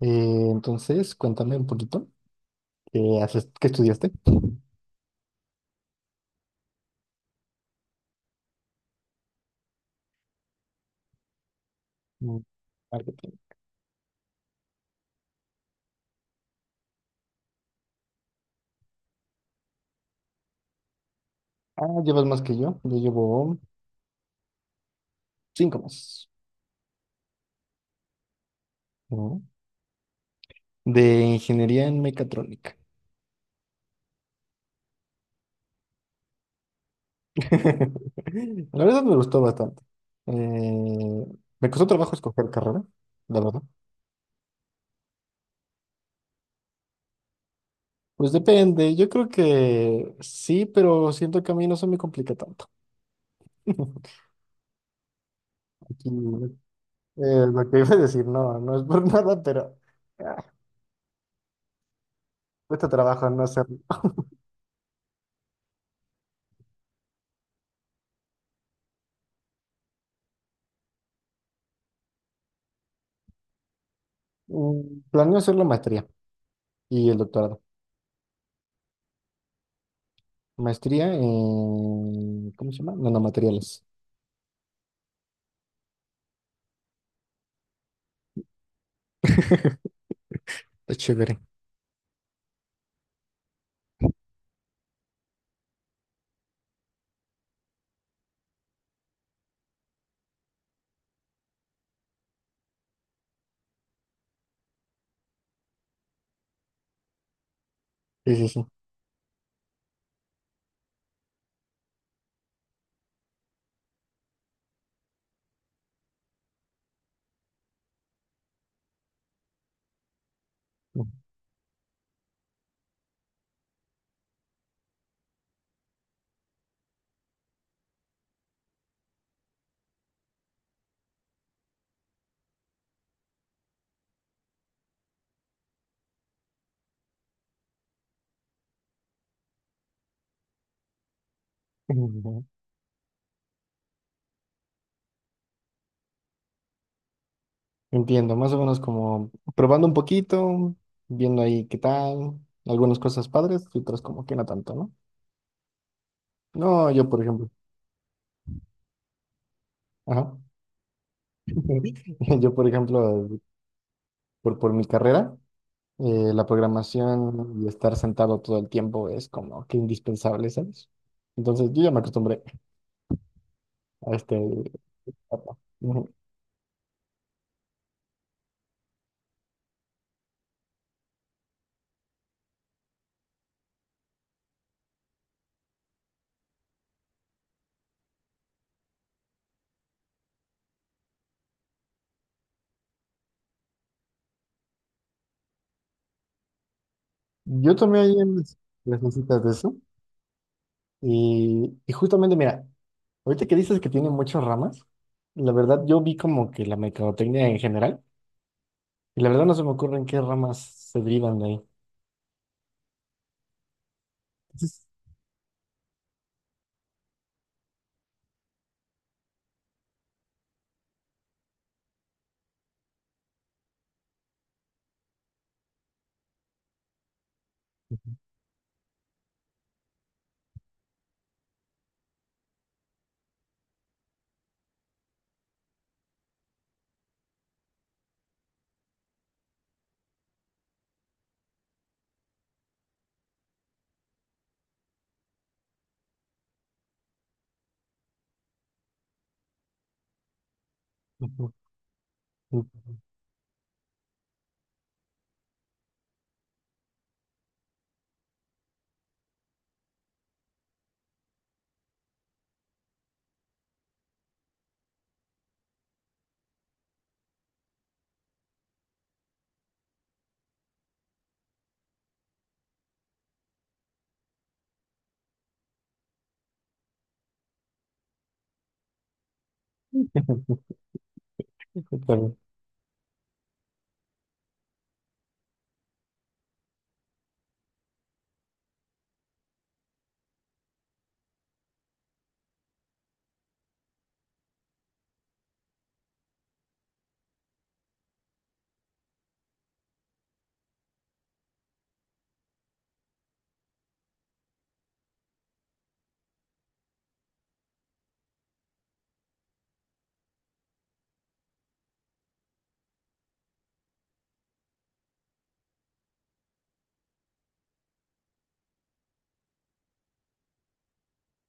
Cuéntame un poquito, ¿qué haces, qué estudiaste? Mm, marketing. Ah, llevas más que yo llevo cinco más. ¿No? De ingeniería en mecatrónica. La verdad me gustó bastante. Eh, Me costó trabajo escoger carrera, la verdad. Pues depende, yo creo que sí, pero siento que a mí no se me complica tanto. Aquí, lo que iba a decir, no, no es por nada, pero ah, cuesta trabajo no hacer. Planeo hacer la maestría y el doctorado. Maestría en, ¿cómo se llama? Nanomateriales. Está chévere. Sí, sí, sí. Ujú. Entiendo, más o menos como probando un poquito, viendo ahí qué tal, algunas cosas padres y otras como que no tanto, ¿no? No, yo por ejemplo, ajá. Yo por ejemplo, por mi carrera, la programación y estar sentado todo el tiempo es como que indispensable, ¿sabes? Entonces yo ya me acostumbré a este, papá. Ujú. Yo tomé ayer las mesitas de eso y justamente, mira, ahorita que dices que tiene muchas ramas, la verdad yo vi como que la mercadotecnia en general y la verdad no se me ocurren qué ramas se derivan de ahí. Entonces, ujú, ujú, está bien.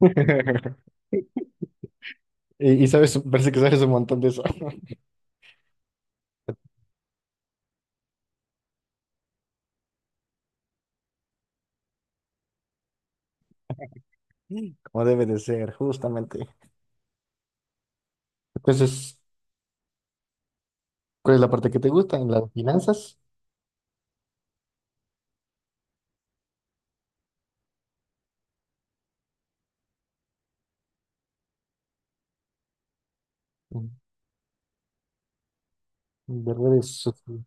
Y, y sabes, parece que sabes un montón de eso, como debe de ser, justamente. Entonces, ¿cuál es la parte que te gusta? ¿En las finanzas? ¿En- ¿De redes sociales?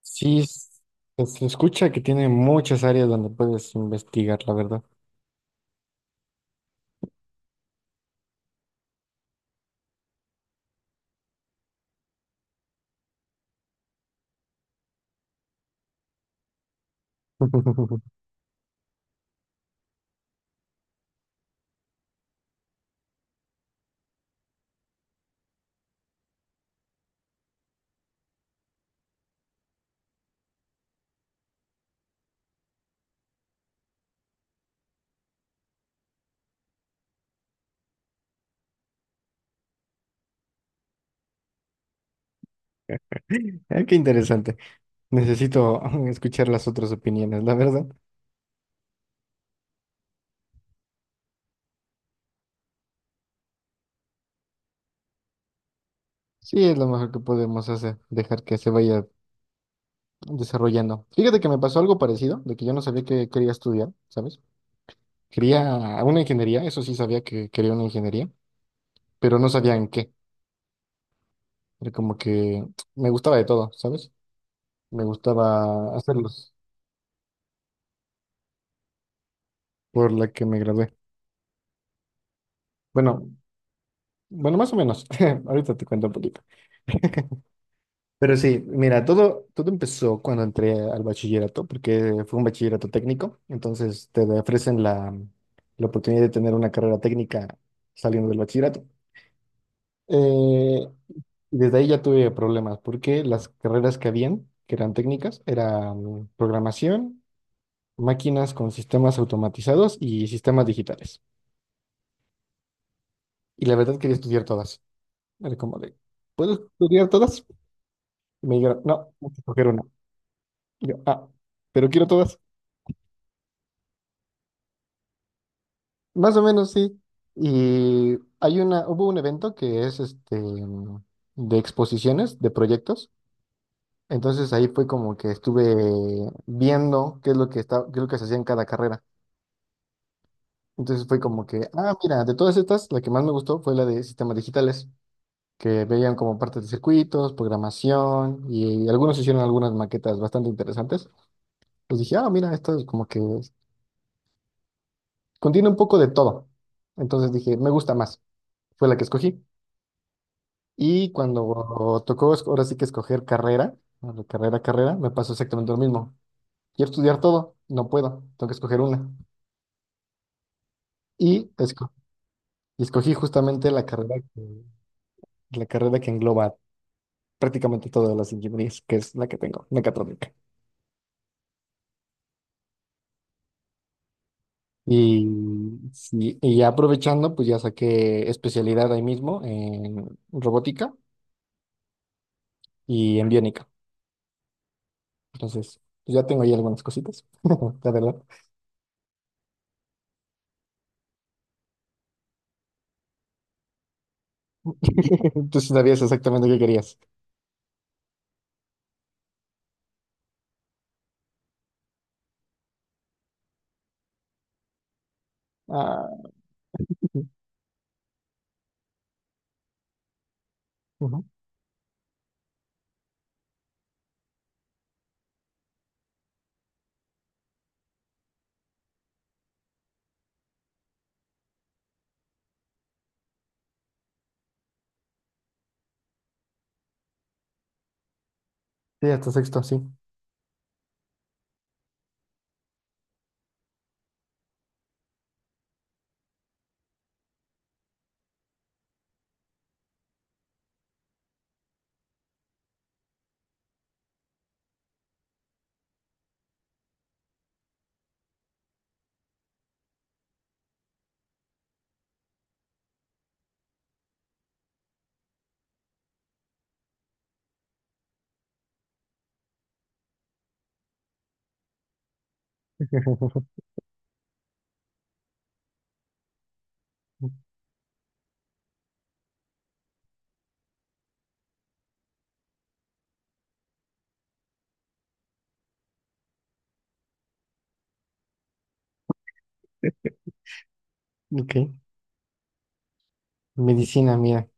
Sí, es- pues, se escucha que tiene muchas áreas donde puedes investigar, la verdad. Ah, qué interesante. Necesito escuchar las otras opiniones, la verdad. Sí, es lo mejor que podemos hacer, dejar que se vaya desarrollando. Fíjate que me pasó algo parecido, de que yo no sabía que quería estudiar, ¿sabes? Quería una ingeniería, eso sí sabía que quería una ingeniería, pero no sabía en qué. Era como que me gustaba de todo, ¿sabes? Me gustaba hacerlos por la que me gradué. Bueno, bueno, más o menos. Ahorita te cuento un poquito. Pero sí, mira, todo empezó cuando entré al bachillerato, porque fue un bachillerato técnico, entonces te ofrecen la, la oportunidad de tener una carrera técnica saliendo del bachillerato. Eh, y desde ahí ya tuve problemas, porque las carreras que habían, que eran técnicas, eran programación, máquinas con sistemas automatizados y sistemas digitales. Y la verdad quería estudiar todas. Era como de, ¿puedo estudiar todas? Y me dijeron, no, tienes que escoger una. Y yo, ah, pero quiero todas. Más o menos, sí. Y hay una, hubo un evento que es este de exposiciones, de proyectos. Entonces ahí fue como que estuve viendo qué es lo que está, qué es lo que se hacía en cada carrera. Entonces fue como que, ah, mira, de todas estas, la que más me gustó fue la de sistemas digitales, que veían como parte de circuitos, programación, y algunos hicieron algunas maquetas bastante interesantes. Pues dije, ah, mira, esto es como que contiene un poco de todo. Entonces dije, me gusta más. Fue la que escogí. Y cuando tocó es- ahora sí que escoger carrera, bueno, carrera, carrera, me pasó exactamente lo mismo. Quiero estudiar todo, no puedo, tengo que escoger una. Y, esco- y escogí justamente la carrera que engloba prácticamente todas las ingenierías, que es la que tengo, mecatrónica. Y, sí, y ya aprovechando, pues ya saqué especialidad ahí mismo en robótica y en biónica. Entonces, pues ya tengo ahí algunas cositas, la verdad. Tú sí sabías exactamente qué querías. Ah, ujú. Sí, hasta sexto, sí. Ok. Medicina, mira.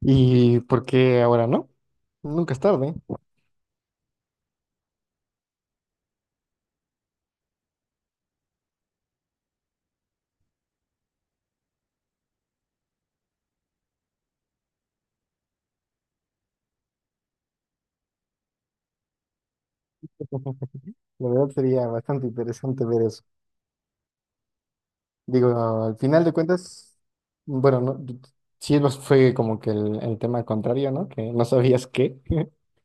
¿Y por qué ahora no? Nunca es tarde. La verdad sería bastante interesante ver eso. Digo, al final de cuentas, bueno, no, sí nos fue como que el tema contrario, ¿no? Que no sabías qué.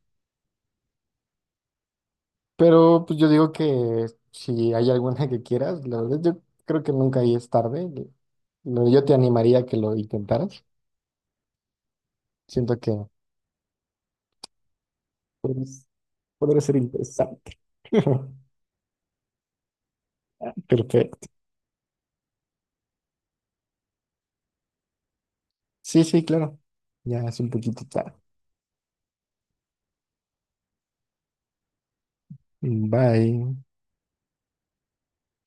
Pero pues yo digo que si hay alguna que quieras, la verdad yo creo que nunca ahí es tarde. Lo- Yo te animaría a que lo intentaras. Siento que... Pues, podría ser interesante. Perfecto. Sí, sí, claro. Ya es un poquito tarde. Bye.